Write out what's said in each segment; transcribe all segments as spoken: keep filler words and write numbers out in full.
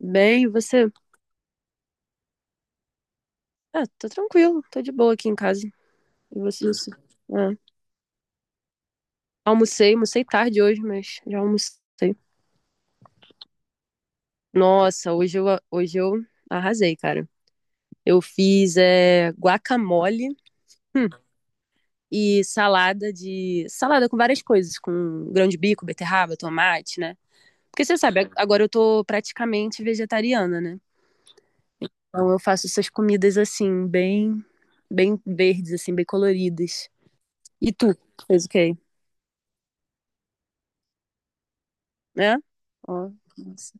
Bem, e você? Ah, tô tranquilo, tô de boa aqui em casa. E você? Isso. Ah, almocei, almocei tarde hoje, mas já almocei. Nossa, hoje eu, hoje eu arrasei, cara. Eu fiz é, guacamole, hum, e salada de. Salada com várias coisas, com grão de bico, beterraba, tomate, né? Porque você sabe, ag- agora eu tô praticamente vegetariana, né? Então eu faço essas comidas assim, bem, bem verdes, assim, bem coloridas. E tu, fez o quê? Né? Ó, nossa.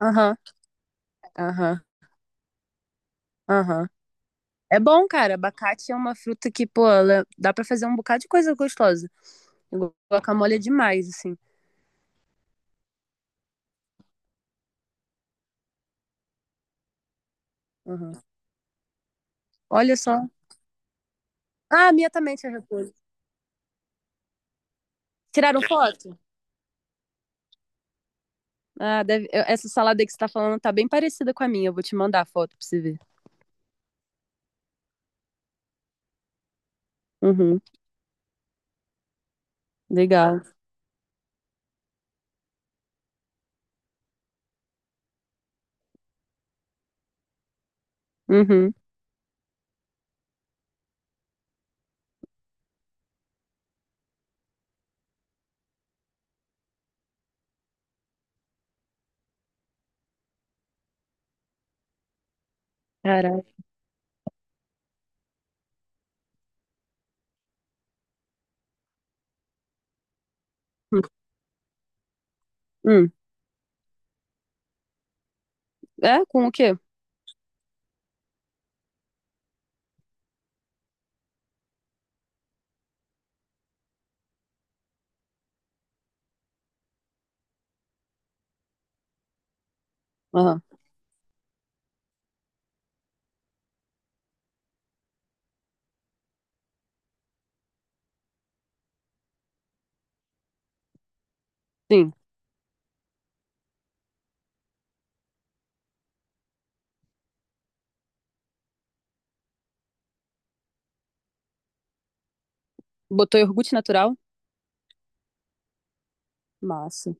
Aham, aham, aham. É bom, cara. Abacate é uma fruta que, pô, ela dá pra fazer um bocado de coisa gostosa. O guacamole é demais, assim. Aham. Olha só. Ah, a minha também tinha repolho. Tiraram foto? Ah, deve... eu- essa salada aí que você tá falando tá bem parecida com a minha. Eu vou te mandar a foto pra você ver. Uhum, legal. Uhum. Caraca. Hum. É? Com o quê? Aham. Sim. Botou iogurte natural? Massa.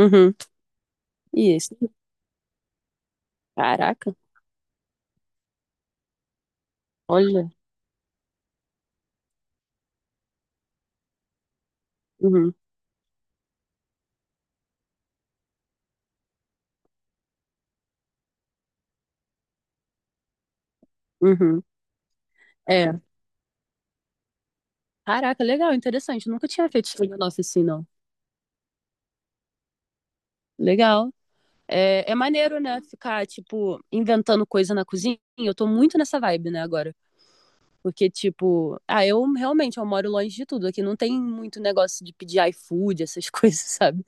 Uhum. E esse? Caraca. Olha. Uhum. Uhum. É. Caraca, legal, interessante. Nunca tinha feito estudo na oficina. Legal. É, é maneiro, né? Ficar, tipo, inventando coisa na cozinha. Eu tô muito nessa vibe, né, agora. Porque, tipo, ah, eu realmente eu moro longe de tudo. Aqui não tem muito negócio de pedir iFood, essas coisas, sabe?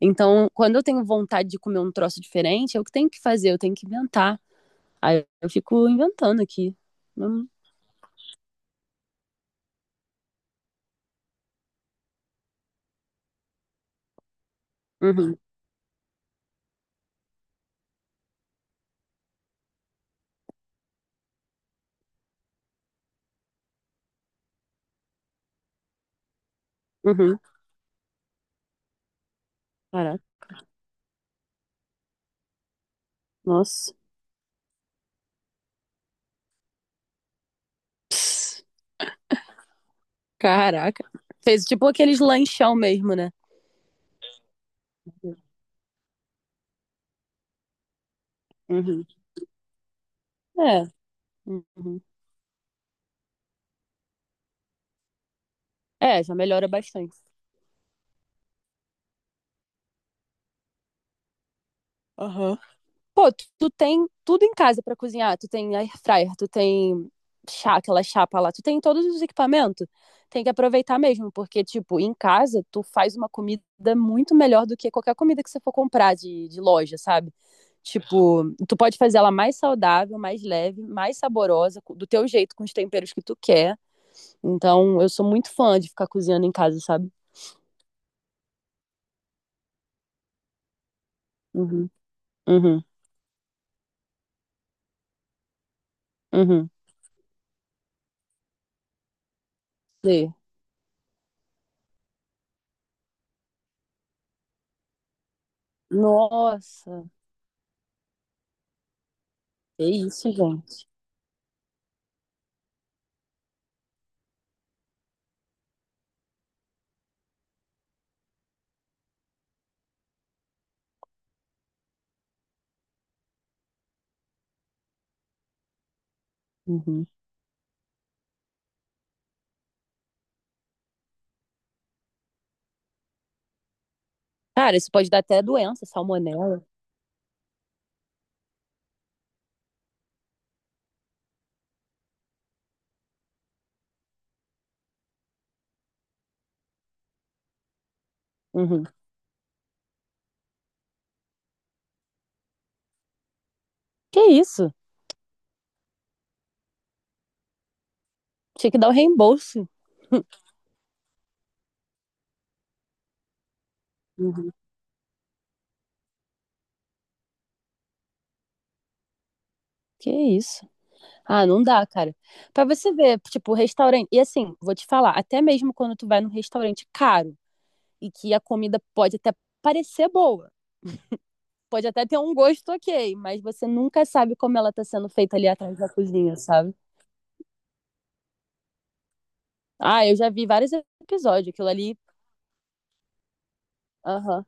Então, quando eu tenho vontade de comer um troço diferente, é o que tenho que fazer, eu tenho que inventar. Aí eu fico inventando aqui. Hum, Uhum, uhum. Caraca, nossa. Caraca. Fez tipo aqueles lanchão mesmo, né? Uhum. É. Uhum. É, já melhora bastante. Aham. Pô, tu, tu tem tudo em casa pra cozinhar. Tu tem air fryer, tu tem chá, aquela chapa lá, tu tem todos os equipamentos. Tem que aproveitar mesmo, porque, tipo, em casa tu faz uma comida muito melhor do que qualquer comida que você for comprar de, de loja, sabe? Tipo, tu pode fazer ela mais saudável, mais leve, mais saborosa, co- do teu jeito, com os temperos que tu quer. Então, eu sou muito fã de ficar cozinhando em casa, sabe? Uhum, uhum, uhum. Sei. Nossa, é isso, gente. Uhum. Cara, isso pode dar até doença, salmonela. Uhum. Que isso? Tinha que dar o reembolso. Uhum. Que isso? Ah, não dá, cara. Pra você ver, tipo, restaurante. E assim, vou te falar, até mesmo quando tu vai num restaurante caro e que a comida pode até parecer boa, pode até ter um gosto ok, mas você nunca sabe como ela tá sendo feita ali atrás da cozinha, sabe? Ah, eu já vi vários episódios, aquilo ali, aham,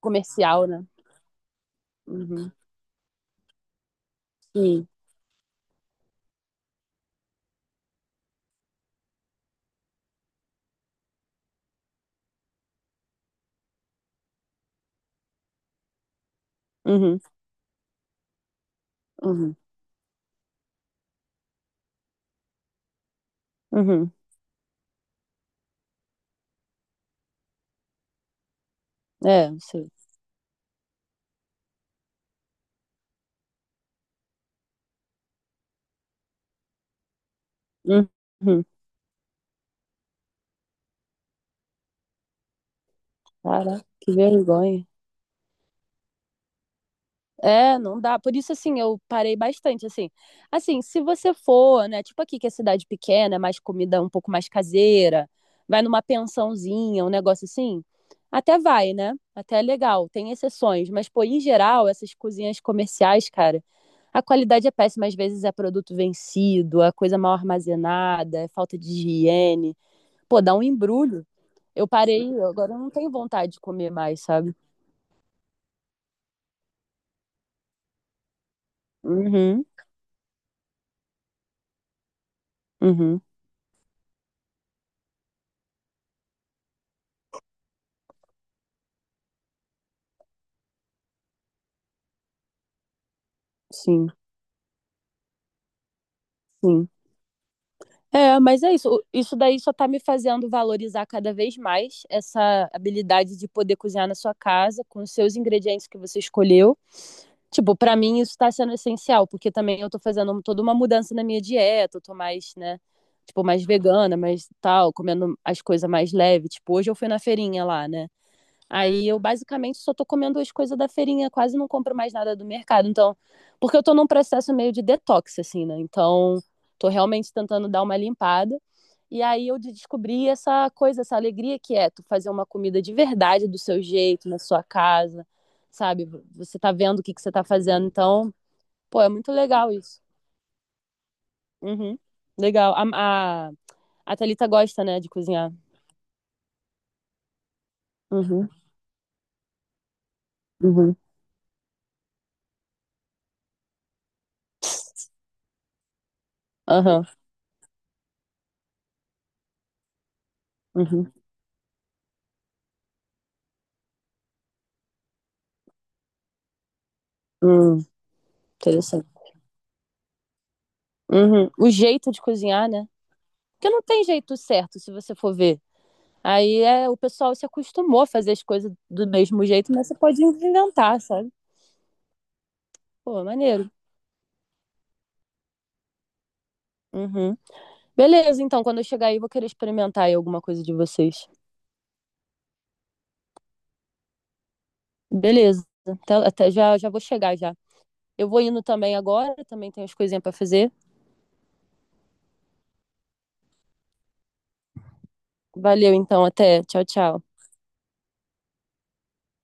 comercial, né? Uhum, sim. Uhum, uhum, uhum. É, eu sei. Uhum. Caraca, que vergonha. É, não dá. Por isso, assim, eu parei bastante, assim. Assim, se você for, né, tipo aqui que é cidade pequena, é mais comida um pouco mais caseira, vai numa pensãozinha, um negócio assim, até vai, né? Até é legal, tem exceções. Mas, pô, em geral, essas cozinhas comerciais, cara, a qualidade é péssima. Às vezes é produto vencido, é coisa mal armazenada, é falta de higiene. Pô, dá um embrulho. Eu parei, eu agora não tenho vontade de comer mais, sabe? Uhum, uhum, sim, sim. É, mas é isso. O- Isso daí só tá me fazendo valorizar cada vez mais essa habilidade de poder cozinhar na sua casa com os seus ingredientes que você escolheu. Tipo, pra mim isso tá sendo essencial, porque também eu tô fazendo um, toda uma mudança na minha dieta, eu tô mais, né, tipo, mais vegana, mais tal, comendo as coisas mais leve. Tipo, hoje eu fui na feirinha lá, né? Aí eu basicamente só tô comendo as coisas da feirinha, quase não compro mais nada do mercado. Então, porque eu tô num processo meio de detox, assim, né? Então, tô realmente tentando dar uma limpada. E aí eu descobri essa coisa, essa alegria que é tu fazer uma comida de verdade do seu jeito, na sua casa, sabe? Você tá vendo o que que você tá fazendo. Então, pô, é muito legal isso. Uhum. Legal. A, a, a Thalita gosta, né, de cozinhar. Uhum, uhum, aham, uhum. Hum, interessante. Uhum. O jeito de cozinhar, né? Porque não tem jeito certo, se você for ver. Aí é, o pessoal se acostumou a fazer as coisas do mesmo jeito, mas você pode inventar, sabe? Pô, maneiro. Uhum. Beleza, então, quando eu chegar aí, eu vou querer experimentar aí alguma coisa de vocês. Beleza. Até, até já, já vou chegar já. Eu vou indo também agora, também tenho as coisinhas pra fazer. Valeu, então, até. Tchau, tchau.